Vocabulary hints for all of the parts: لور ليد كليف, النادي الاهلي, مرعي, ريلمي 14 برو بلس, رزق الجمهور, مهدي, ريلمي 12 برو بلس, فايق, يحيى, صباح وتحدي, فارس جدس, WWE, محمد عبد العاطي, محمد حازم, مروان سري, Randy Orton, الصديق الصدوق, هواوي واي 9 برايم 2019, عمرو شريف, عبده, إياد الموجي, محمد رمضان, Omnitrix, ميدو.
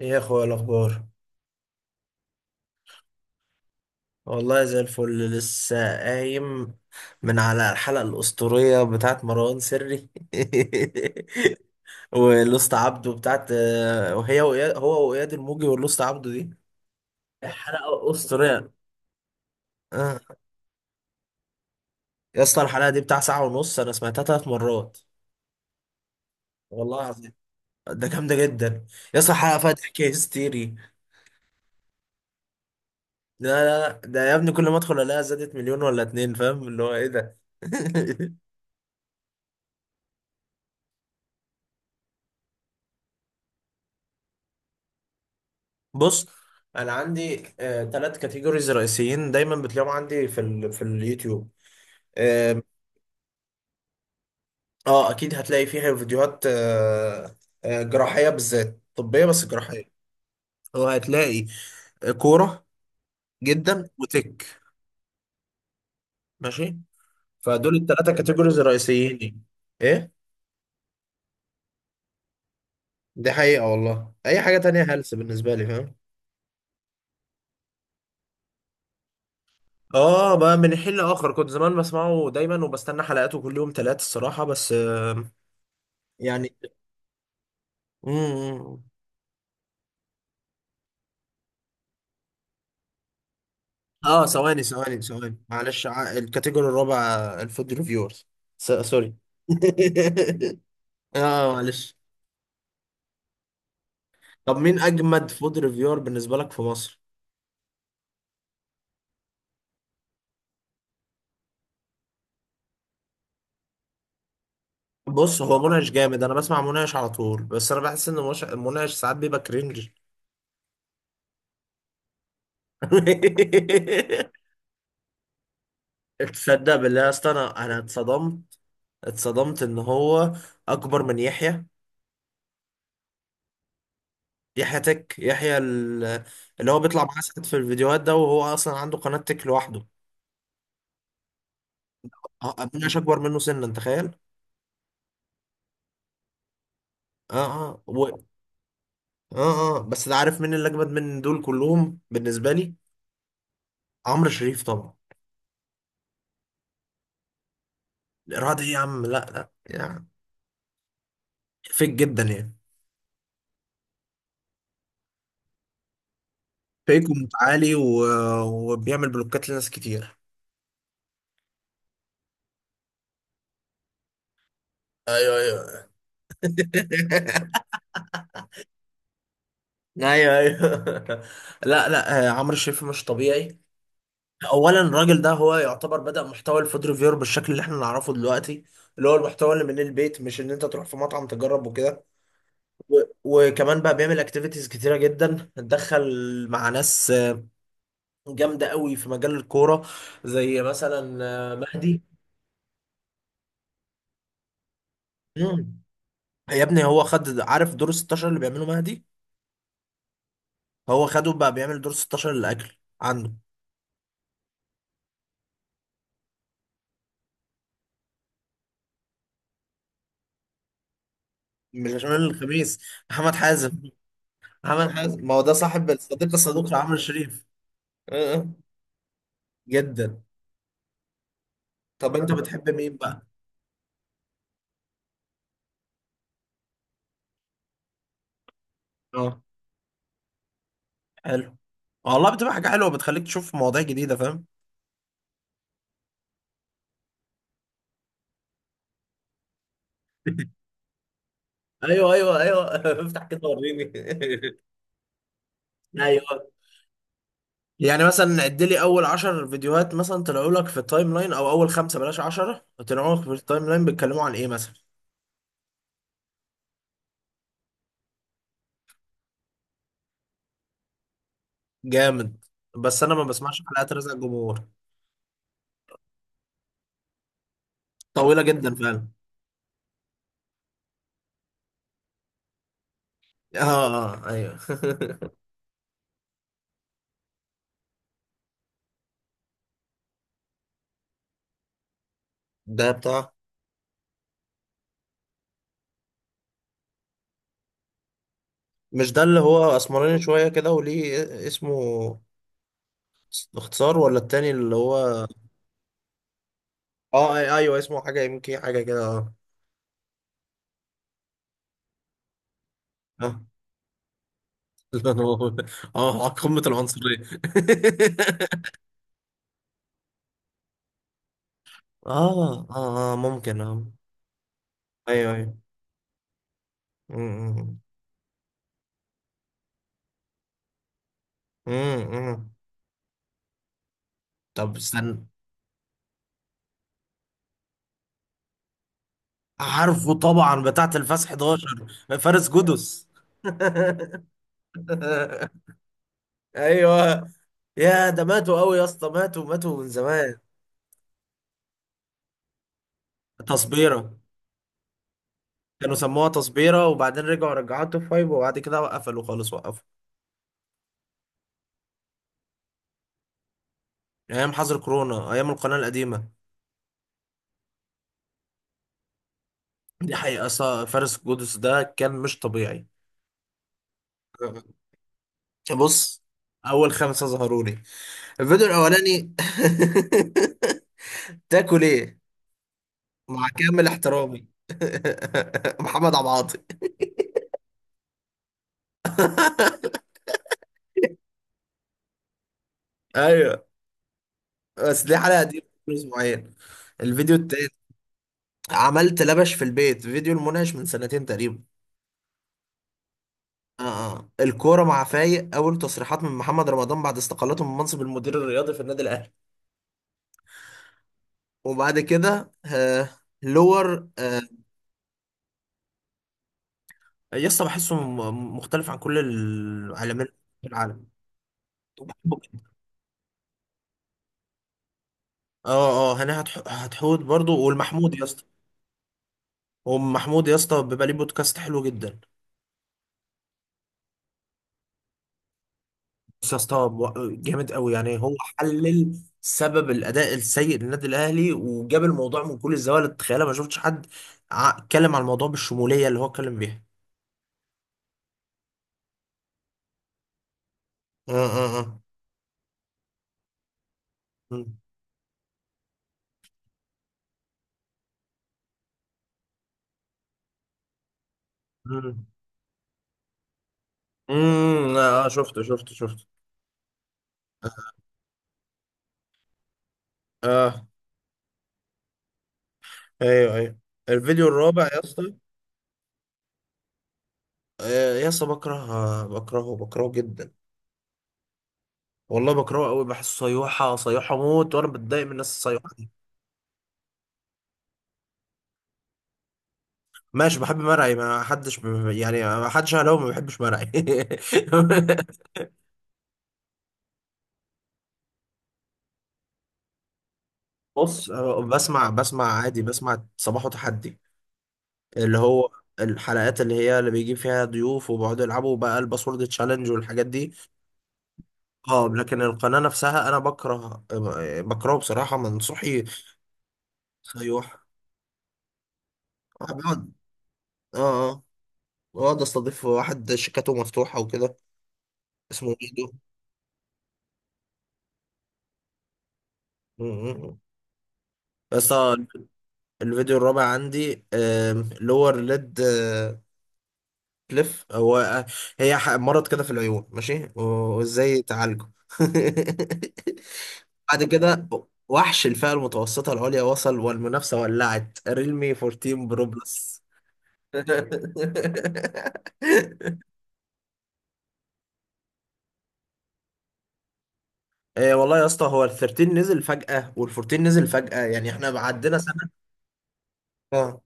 ايه يا اخويا الاخبار؟ والله زي الفل لسه قايم من على الحلقه الاسطوريه بتاعت مروان سري. والاسطى عبده بتاعت، وهي وإياد هو واياد الموجي والاسطى عبده دي حلقه اسطوريه. آه. يا اسطى الحلقه دي بتاع ساعه ونص، انا سمعتها 3 مرات والله العظيم، ده جامده جدا. يا اسطى الحلقه فيها ضحك هستيري. لا لا لا، ده يا ابني كل ما ادخل الاقيها زادت مليون ولا اتنين، فاهم اللي هو ايه ده؟ بص، انا عندي 3 كاتيجوريز رئيسيين دايما بتلاقيهم عندي في اليوتيوب. اه. اكيد هتلاقي فيها فيديوهات جراحيه، بالذات طبيه بس جراحيه. وهتلاقي كوره جدا، وتك. ماشي. فدول الثلاثه كاتيجوريز الرئيسيين دي. ايه؟ دي حقيقه والله، اي حاجه تانية هلس بالنسبه لي فاهم. اه بقى من حين لاخر كنت زمان بسمعه دايما وبستنى حلقاته كل يوم ثلاث الصراحه بس. يعني. مم. اه، ثواني ثواني ثواني معلش، الكاتيجوري الرابع، الفود ريفيورز. سوري. اه، معلش. طب مين اجمد فود ريفيور بالنسبه لك في مصر؟ بص، هو منعش جامد، انا بسمع منعش على طول، بس انا بحس ان منعش ساعات بيبقى كرنج. تصدق بالله يا اسطى، انا اتصدمت، اتصدمت ان هو اكبر من يحيى. يحيى تك، اللي هو بيطلع معاه ساعات في الفيديوهات ده، وهو اصلا عنده قناه تك لوحده. اه ابويا اكبر منه سنا، انت تخيل. اه اه اه اه، بس ده عارف مين اللي اجمد من دول كلهم بالنسبه لي؟ عمرو شريف طبعا. الارهاب ايه يا عم، لا لا يعني فيك جدا يعني، فيك ومتعالي وبيعمل بلوكات لناس كتير. ايوه ايوه. ايوه ايوه. لا لا، عمرو شريف مش طبيعي. اولا الراجل ده هو يعتبر بدأ محتوى الفود ريفيور بالشكل اللي احنا نعرفه دلوقتي، اللي هو المحتوى اللي من البيت، مش ان انت تروح في مطعم تجرب وكده. وكمان بقى بيعمل اكتيفيتيز كتيره جدا، اتدخل مع ناس جامده قوي في مجال الكوره، زي مثلا مهدي. مم. يا ابني هو خد عارف دور 16 اللي بيعمله مهدي، هو خده بقى بيعمل دور 16 للاكل عنده. مش عشان الخميس، محمد حازم محمد حازم، ما هو ده صاحب الصديق الصدوق لعمرو شريف. آه. جدا. طب انت بتحب مين بقى؟ اه. حلو. والله بتبقى حاجه حلوه بتخليك تشوف مواضيع جديده فاهم. ايوه ايوه ايوه. افتح كده وريني. ايوه، يعني مثلا عد لي اول 10 فيديوهات مثلا طلعوا لك في التايم لاين، او اول خمسه بلاش 10، طلعوا لك في التايم لاين بيتكلموا عن ايه مثلا. جامد، بس انا ما بسمعش حلقات رزق الجمهور، طويله جدا فعلا. اه اه، ايوه. ده بتاع. مش ده اللي هو اسمراني شويه كده وليه اسمه اختصار، ولا التاني اللي هو؟ اه، ايوه اسمه حاجه، يمكن حاجه كده، اه. آه. لا، أنا بقول- اه، قمة العنصرية. اه اه اه ممكن اه. ايوه ايوه. أمم، أمم، أمم. طب استنى، عارفه طبعا، بتاعة الفاس 11، فارس جدس. ايوه، يا ده ماتوا قوي يا اسطى، ماتوا ماتوا من زمان. تصبيره. كانوا سموها تصبيره وبعدين رجعوا رجعوها توب فايف، وبعد كده قفلوا خالص وقفوا. ايام حظر كورونا، ايام القناه القديمه. دي حقيقه، فارس جدس ده كان مش طبيعي. بص، اول خمسه ظهروا لي، الفيديو الاولاني. تاكل ايه؟ مع كامل احترامي. محمد عبد العاطي. ايوه، بس دي حلقه دي من اسبوعين. الفيديو التاني، عملت لبش في البيت، فيديو المناقش من سنتين تقريبا. اه. اه، الكوره مع فايق، اول تصريحات من محمد رمضان بعد استقالته من منصب المدير الرياضي في النادي الاهلي. وبعد كده لور. يسطا بحسه مختلف عن كل العالمين في العالم، بحبه. اه. اه هنا هتحوت برضو، والمحمود يا اسطى. ومحمود يا اسطى بيبقى ليه بودكاست حلو جدا. بس يا اسطى جامد قوي يعني، هو حلل سبب الاداء السيء للنادي الاهلي وجاب الموضوع من كل الزوايا اللي تتخيلها، ما شفتش حد اتكلم عن الموضوع بالشموليه اللي هو اتكلم بيها. اه اه اه. مم. مم. مم. اه، شفته شفته شفته. اه. ايوه ايوه. الفيديو الرابع يا اسطى، يا اسطى بكره، بكرهه بكرهه جدا. والله بكرهه قوي، بحسه صيوحه صيوحه موت، وانا بتضايق من الناس الصيوحه دي. ماشي بحب مرعي، ما حدش يعني ما حدش هلاوي ما بيحبش مرعي. بص، بسمع عادي، بسمع صباح وتحدي، اللي هو الحلقات اللي هي اللي بيجيب فيها ضيوف، وبيقعدوا يلعبوا بقى الباسورد تشالنج والحاجات دي. اه، لكن القناة نفسها انا بكره، بكرهه بصراحة منصوحي، صيوح. بقعد. اه اه، بقعد استضيف واحد شيكاته مفتوحة وكده، اسمه ميدو. بس. الفيديو الرابع عندي، لور ليد كليف، هو آه، هي مرض كده في العيون ماشي، وازاي تعالجه. بعد كده، وحش الفئة المتوسطة العليا وصل والمنافسة ولعت، ريلمي 14 برو بلس. إيه والله يا اسطى، هو ال 13 نزل فجأة وال 14 نزل فجأة، يعني احنا عدينا سنة. اه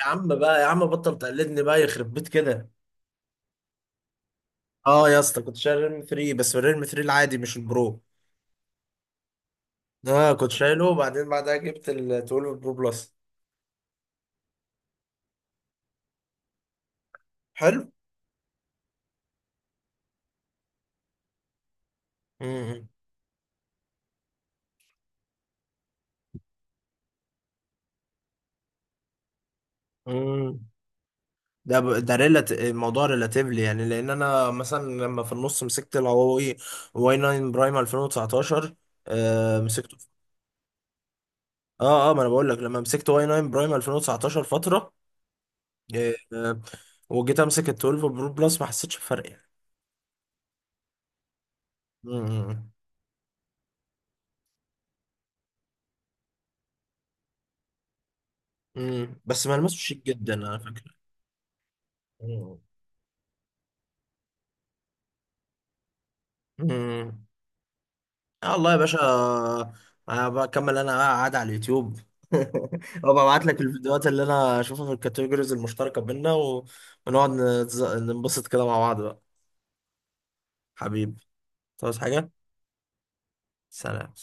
يا عم بقى، يا عم بطل تقلدني بقى يخرب بيت كده. اه يا اسطى كنت شايل ريلمي 3، بس الريلمي 3 العادي مش البرو. اه، كنت شايله وبعدين بعدها جبت ال 12 برو بلس. حلو. امم. امم. ده ريلات الموضوع ريلاتيفلي يعني، لان انا مثلا لما في النص مسكت الهواوي واي 9 برايم 2019. آه، مسكته. اه اه، ما انا بقول لك لما مسكت واي 9 برايم 2019 فتره. آه آه، وجيت امسك ال 12 برو بلس، ما حسيتش بفرق يعني. امم. امم. بس ملمسه شيك جدا على فكره. امم. آه، والله يا باشا. أنا بكمل، أنا بقى قاعد على اليوتيوب. وببعت لك الفيديوهات اللي أنا أشوفها في الكاتيجوريز المشتركة بينا، ونقعد ننبسط كده مع بعض بقى. حبيبي، تعوز حاجة؟ سلام.